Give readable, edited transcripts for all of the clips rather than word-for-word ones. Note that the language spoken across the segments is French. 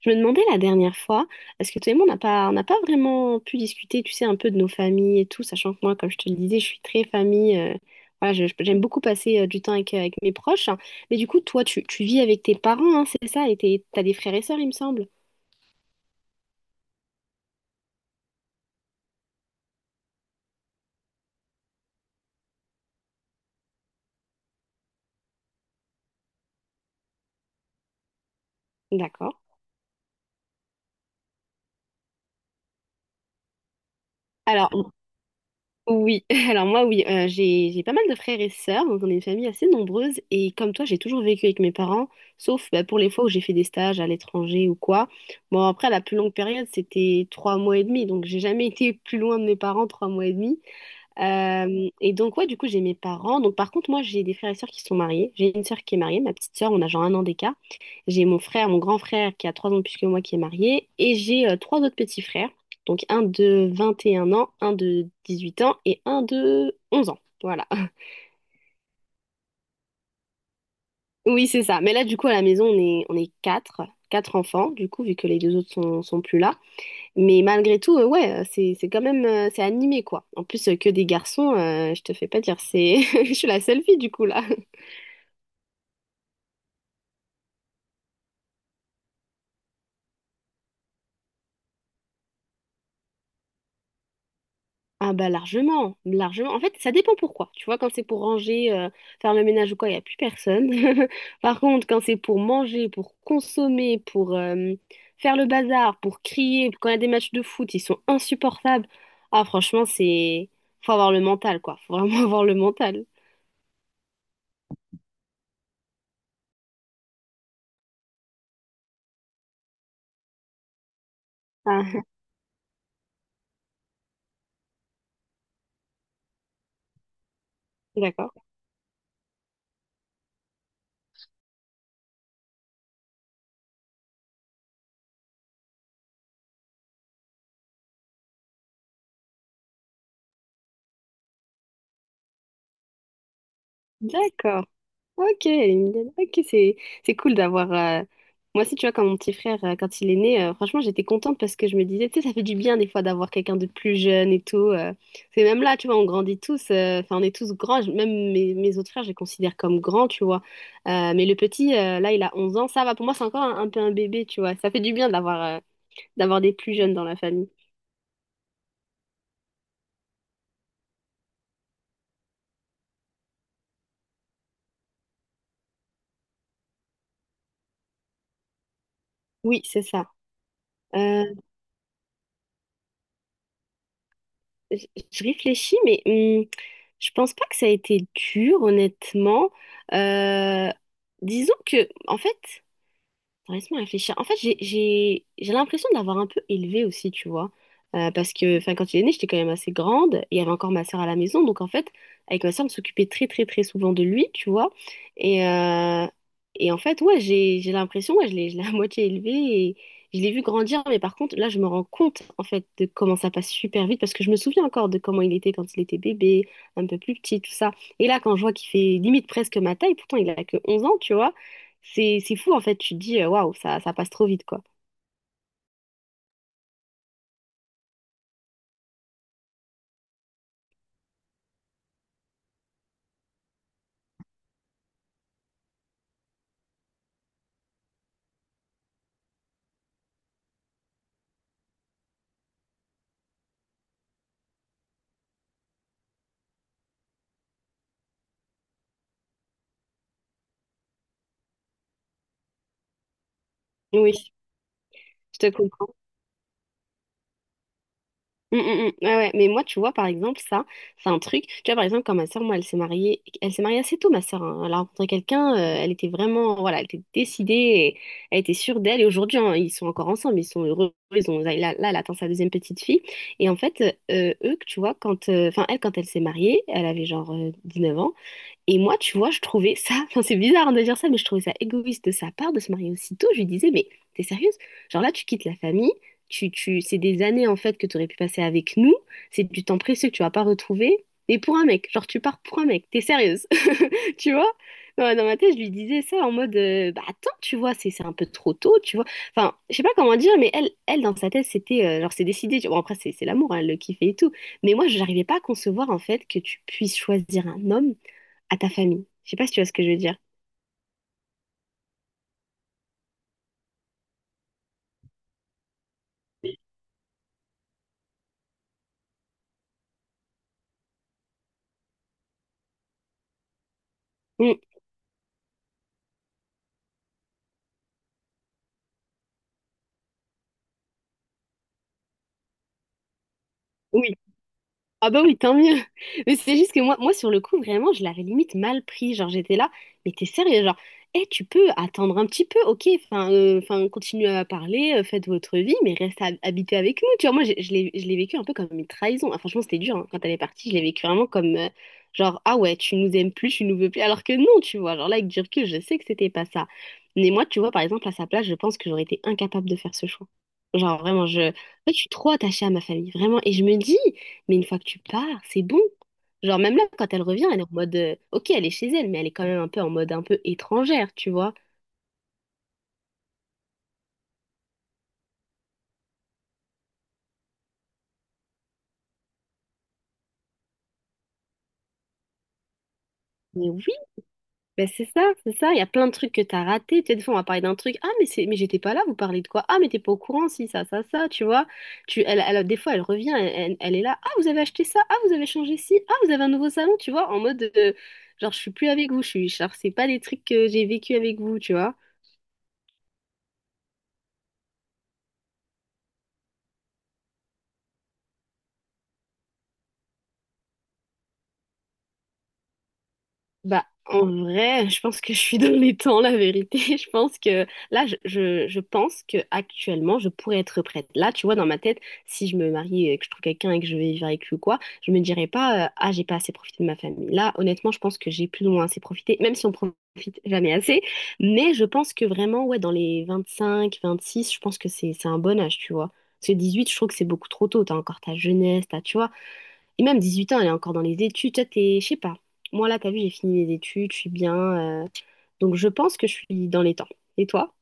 Je me demandais la dernière fois, est-ce que toi et moi, on n'a pas vraiment pu discuter, tu sais, un peu de nos familles et tout, sachant que moi, comme je te le disais, je suis très famille. Voilà, j'aime beaucoup passer du temps avec mes proches. Mais du coup, toi, tu vis avec tes parents, hein, c'est ça? Et t'as des frères et sœurs, il me semble. D'accord. Alors, oui, alors moi oui, j'ai pas mal de frères et sœurs, donc on est une famille assez nombreuse et comme toi j'ai toujours vécu avec mes parents, sauf bah, pour les fois où j'ai fait des stages à l'étranger ou quoi. Bon, après la plus longue période c'était 3 mois et demi, donc j'ai jamais été plus loin de mes parents 3 mois et demi. Et donc, ouais, du coup, j'ai mes parents. Donc, par contre, moi, j'ai des frères et sœurs qui sont mariés. J'ai une sœur qui est mariée, ma petite sœur, on a genre un an d'écart. J'ai mon frère, mon grand frère qui a 3 ans de plus que moi qui est marié. Et j'ai trois autres petits frères. Donc, un de 21 ans, un de 18 ans et un de 11 ans. Voilà. Oui, c'est ça. Mais là, du coup, à la maison, on est quatre, quatre enfants, du coup, vu que les deux autres sont plus là. Mais malgré tout, ouais, c'est quand même, c'est animé, quoi. En plus, que des garçons, je te fais pas dire, c'est, je suis la seule fille, du coup, là. Ah bah, largement, largement. En fait, ça dépend pourquoi. Tu vois, quand c'est pour ranger, faire le ménage ou quoi, il n'y a plus personne. Par contre, quand c'est pour manger, pour consommer, pour faire le bazar, pour crier, quand il y a des matchs de foot, ils sont insupportables. Ah, franchement, c'est... Faut avoir le mental, quoi. Faut vraiment avoir le mental. Ah, d'accord. D'accord. Ok, une dizaine. Ok, c'est cool d'avoir. Moi aussi, tu vois, quand mon petit frère, quand il est né, franchement, j'étais contente parce que je me disais, tu sais, ça fait du bien des fois d'avoir quelqu'un de plus jeune et tout. C'est même là, tu vois, on grandit tous, enfin, on est tous grands. Même mes autres frères, je les considère comme grands, tu vois. Mais le petit, là, il a 11 ans, ça va. Pour moi, c'est encore un peu un bébé, tu vois. Ça fait du bien d'avoir des plus jeunes dans la famille. Oui, c'est ça. Euh, je je réfléchis, mais je pense pas que ça a été dur, honnêtement. Euh, Disons que, en fait, attends, laisse-moi réfléchir. En fait, j'ai l'impression de l'avoir un peu élevé aussi, tu vois. Parce que enfin, quand il est né, j'étais quand même assez grande et il y avait encore ma soeur à la maison. Donc, en fait, avec ma soeur, on s'occupait très, très, très souvent de lui, tu vois. Et, euh, et en fait, ouais, j'ai l'impression, ouais, je l'ai à moitié élevé et je l'ai vu grandir. Mais par contre, là, je me rends compte, en fait, de comment ça passe super vite parce que je me souviens encore de comment il était quand il était bébé, un peu plus petit, tout ça. Et là, quand je vois qu'il fait limite presque ma taille, pourtant, il a que 11 ans, tu vois. C'est fou en fait, tu te dis waouh, ça passe trop vite, quoi. Oui, je te comprends. Mm, mm, mm. Ouais, ouais. Mais moi, tu vois, par exemple, ça, c'est un truc. Tu vois, par exemple, quand ma soeur, moi, elle s'est mariée assez tôt, ma soeur. Elle a rencontré quelqu'un, elle était vraiment, voilà, elle était décidée, et elle était sûre d'elle. Et aujourd'hui, hein, ils sont encore ensemble, ils sont heureux. Ils ont, là, là, elle attend sa deuxième petite fille. Et en fait, eux, tu vois, quand, enfin, elle, quand elle s'est mariée, elle avait genre 9 ans. Et moi, tu vois, je trouvais ça, enfin c'est bizarre hein, de dire ça, mais je trouvais ça égoïste de sa part de se marier aussi tôt. Je lui disais, mais t'es sérieuse? Genre là, tu quittes la famille, c'est des années en fait que tu aurais pu passer avec nous, c'est du temps précieux que tu vas pas retrouver, et pour un mec, genre tu pars pour un mec, t'es sérieuse, tu vois? Ouais, dans ma tête, je lui disais ça en mode, bah attends, tu vois, c'est un peu trop tôt, tu vois. Enfin, je sais pas comment dire, mais elle, elle dans sa tête, c'était, genre c'est décidé, tu bon, après, c'est l'amour, hein, elle le kiffait et tout. Mais moi, je n'arrivais pas à concevoir en fait que tu puisses choisir un homme à ta famille. Je sais pas si tu vois ce que je veux dire. Mm, oui, ah bah oui, tant mieux. Mais c'est juste que moi, sur le coup, vraiment, je l'avais limite mal pris. Genre, j'étais là, mais t'es sérieux, genre, eh, tu peux attendre un petit peu, ok, enfin, enfin, continuez à parler, faites votre vie, mais reste habité avec nous. Tu vois, moi, je l'ai vécu un peu comme une trahison. Ah, franchement, c'était dur, hein. Quand elle est partie, je l'ai vécu vraiment comme, genre, ah ouais, tu nous aimes plus, tu nous veux plus, alors que non, tu vois, genre là, avec du recul, je sais que c'était pas ça. Mais moi, tu vois, par exemple, à sa place, je pense que j'aurais été incapable de faire ce choix. Genre, vraiment, je... En fait, je suis trop attachée à ma famille, vraiment. Et je me dis, mais une fois que tu pars, c'est bon. Genre, même là, quand elle revient, elle est en mode, ok, elle est chez elle, mais elle est quand même un peu en mode un peu étrangère, tu vois. Mais oui, ben c'est ça, c'est ça. Il y a plein de trucs que t'as ratés. Tu sais, des fois, on va parler d'un truc. Ah, mais mais j'étais pas là, vous parlez de quoi? Ah, mais t'es pas au courant, si, ça, tu vois. Elle, des fois, elle revient, elle est là. Ah, vous avez acheté ça. Ah, vous avez changé ci. Ah, vous avez un nouveau salon, tu vois. En mode, genre, je suis plus avec vous. Je suis, genre, c'est pas des trucs que j'ai vécu avec vous, tu vois. Bah, en vrai, je pense que je suis dans les temps, la vérité. Je pense que là, je pense que actuellement, je pourrais être prête. Là, tu vois, dans ma tête, si je me marie et que je trouve quelqu'un et que je vais vivre avec lui ou quoi, je me dirais pas, ah, j'ai pas assez profité de ma famille. Là, honnêtement, je pense que j'ai plus ou moins assez profité, même si on profite jamais assez. Mais je pense que vraiment, ouais, dans les 25-26 je pense que c'est un bon âge, tu vois. Parce que huit je trouve que c'est beaucoup trop tôt. T'as encore ta jeunesse, tu vois. Et même 18 ans, elle est encore dans les études. Toi, t'es, je sais pas. Moi, là, t'as vu, j'ai fini mes études, je suis bien. euh, Donc, je pense que je suis dans les temps. Et toi?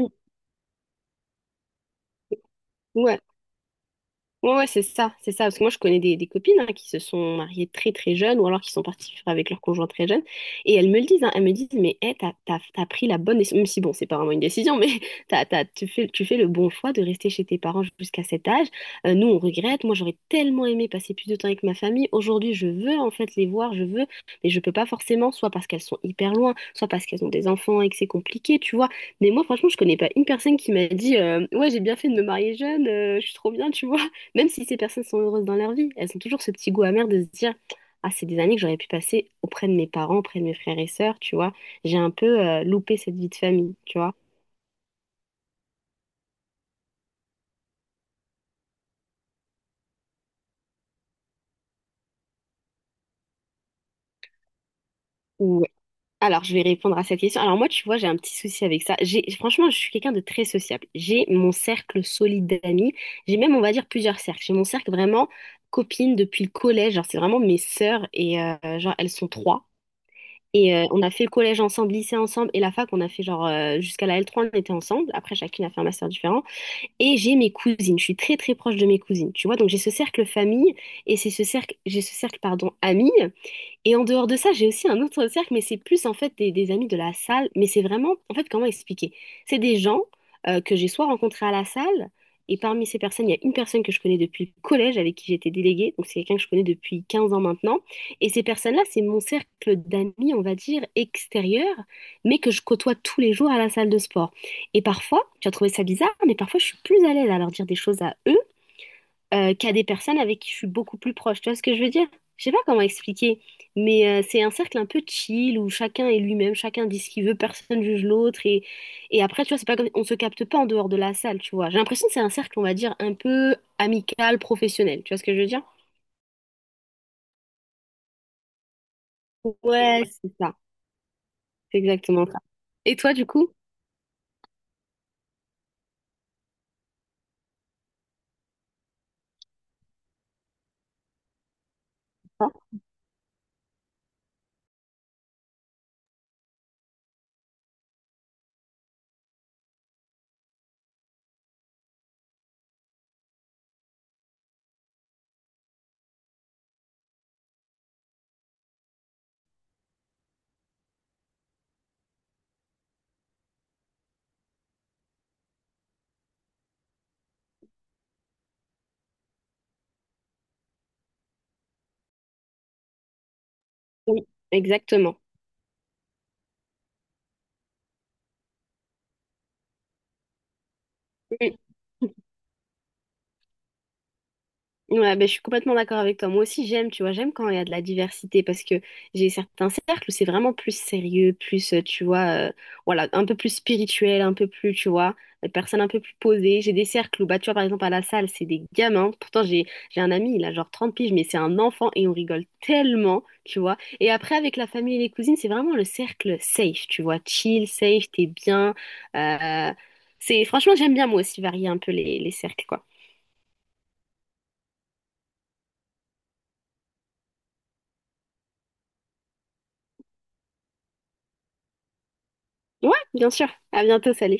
Mm. Ouais. Ouais, ouais, c'est ça, c'est ça. Parce que moi, je connais des copines hein, qui se sont mariées très très jeunes ou alors qui sont parties vivre avec leur conjoint très jeune. Et elles me le disent, hein, elles me disent, mais hey, t'as pris la bonne décision. Même si bon, c'est pas vraiment une décision, mais tu fais le bon choix de rester chez tes parents jusqu'à cet âge. Nous, on regrette. Moi, j'aurais tellement aimé passer plus de temps avec ma famille. Aujourd'hui, je veux en fait les voir, mais je peux pas forcément, soit parce qu'elles sont hyper loin, soit parce qu'elles ont des enfants et que c'est compliqué, tu vois. Mais moi, franchement, je connais pas une personne qui m'a dit, ouais, j'ai bien fait de me marier jeune, je suis trop bien, tu vois. Même si ces personnes sont heureuses dans leur vie, elles ont toujours ce petit goût amer de se dire, ah, c'est des années que j'aurais pu passer auprès de mes parents, auprès de mes frères et sœurs, tu vois. J'ai un peu loupé cette vie de famille, tu vois. Ou alors, je vais répondre à cette question. Alors moi, tu vois, j'ai un petit souci avec ça. J'ai franchement, je suis quelqu'un de très sociable. J'ai mon cercle solide d'amis. J'ai même, on va dire, plusieurs cercles. J'ai mon cercle vraiment copine depuis le collège. Genre, c'est vraiment mes sœurs et genre elles sont trois. Et on a fait le collège ensemble, lycée ensemble, et la fac, on a fait genre jusqu'à la L3, on était ensemble. Après, chacune a fait un master différent. Et j'ai mes cousines, je suis très très proche de mes cousines, tu vois. Donc j'ai ce cercle famille, et c'est ce cercle, j'ai ce cercle, pardon, amis. Et en dehors de ça, j'ai aussi un autre cercle, mais c'est plus en fait des amis de la salle. Mais c'est vraiment, en fait, comment expliquer? C'est des gens que j'ai soit rencontrés à la salle, et parmi ces personnes, il y a une personne que je connais depuis le collège, avec qui j'étais déléguée, donc c'est quelqu'un que je connais depuis 15 ans maintenant. Et ces personnes-là, c'est mon cercle d'amis, on va dire, extérieur, mais que je côtoie tous les jours à la salle de sport. Et parfois, tu as trouvé ça bizarre, mais parfois je suis plus à l'aise à leur dire des choses à eux qu'à des personnes avec qui je suis beaucoup plus proche. Tu vois ce que je veux dire? Je sais pas comment expliquer, mais c'est un cercle un peu chill où chacun est lui-même, chacun dit ce qu'il veut, personne juge l'autre et après tu vois c'est pas comme on se capte pas en dehors de la salle, tu vois. J'ai l'impression que c'est un cercle on va dire un peu amical, professionnel. Tu vois ce que je veux dire? Ouais, c'est ça, c'est exactement ça. Et toi du coup? Ah, oui, exactement. Mm. Ouais, ben, je suis complètement d'accord avec toi. Moi aussi, j'aime, tu vois, j'aime quand il y a de la diversité parce que j'ai certains cercles où c'est vraiment plus sérieux, plus, tu vois, voilà, un peu plus spirituel, un peu plus, tu vois, des personnes un peu plus posées. J'ai des cercles où, bah, tu vois, par exemple, à la salle, c'est des gamins. Pourtant, j'ai un ami, il a genre 30 piges, mais c'est un enfant et on rigole tellement, tu vois. Et après, avec la famille et les cousines, c'est vraiment le cercle safe, tu vois, chill, safe, t'es bien. Euh, c'est, franchement, j'aime bien moi aussi varier un peu les cercles, quoi. Ouais, bien sûr. À bientôt, salut.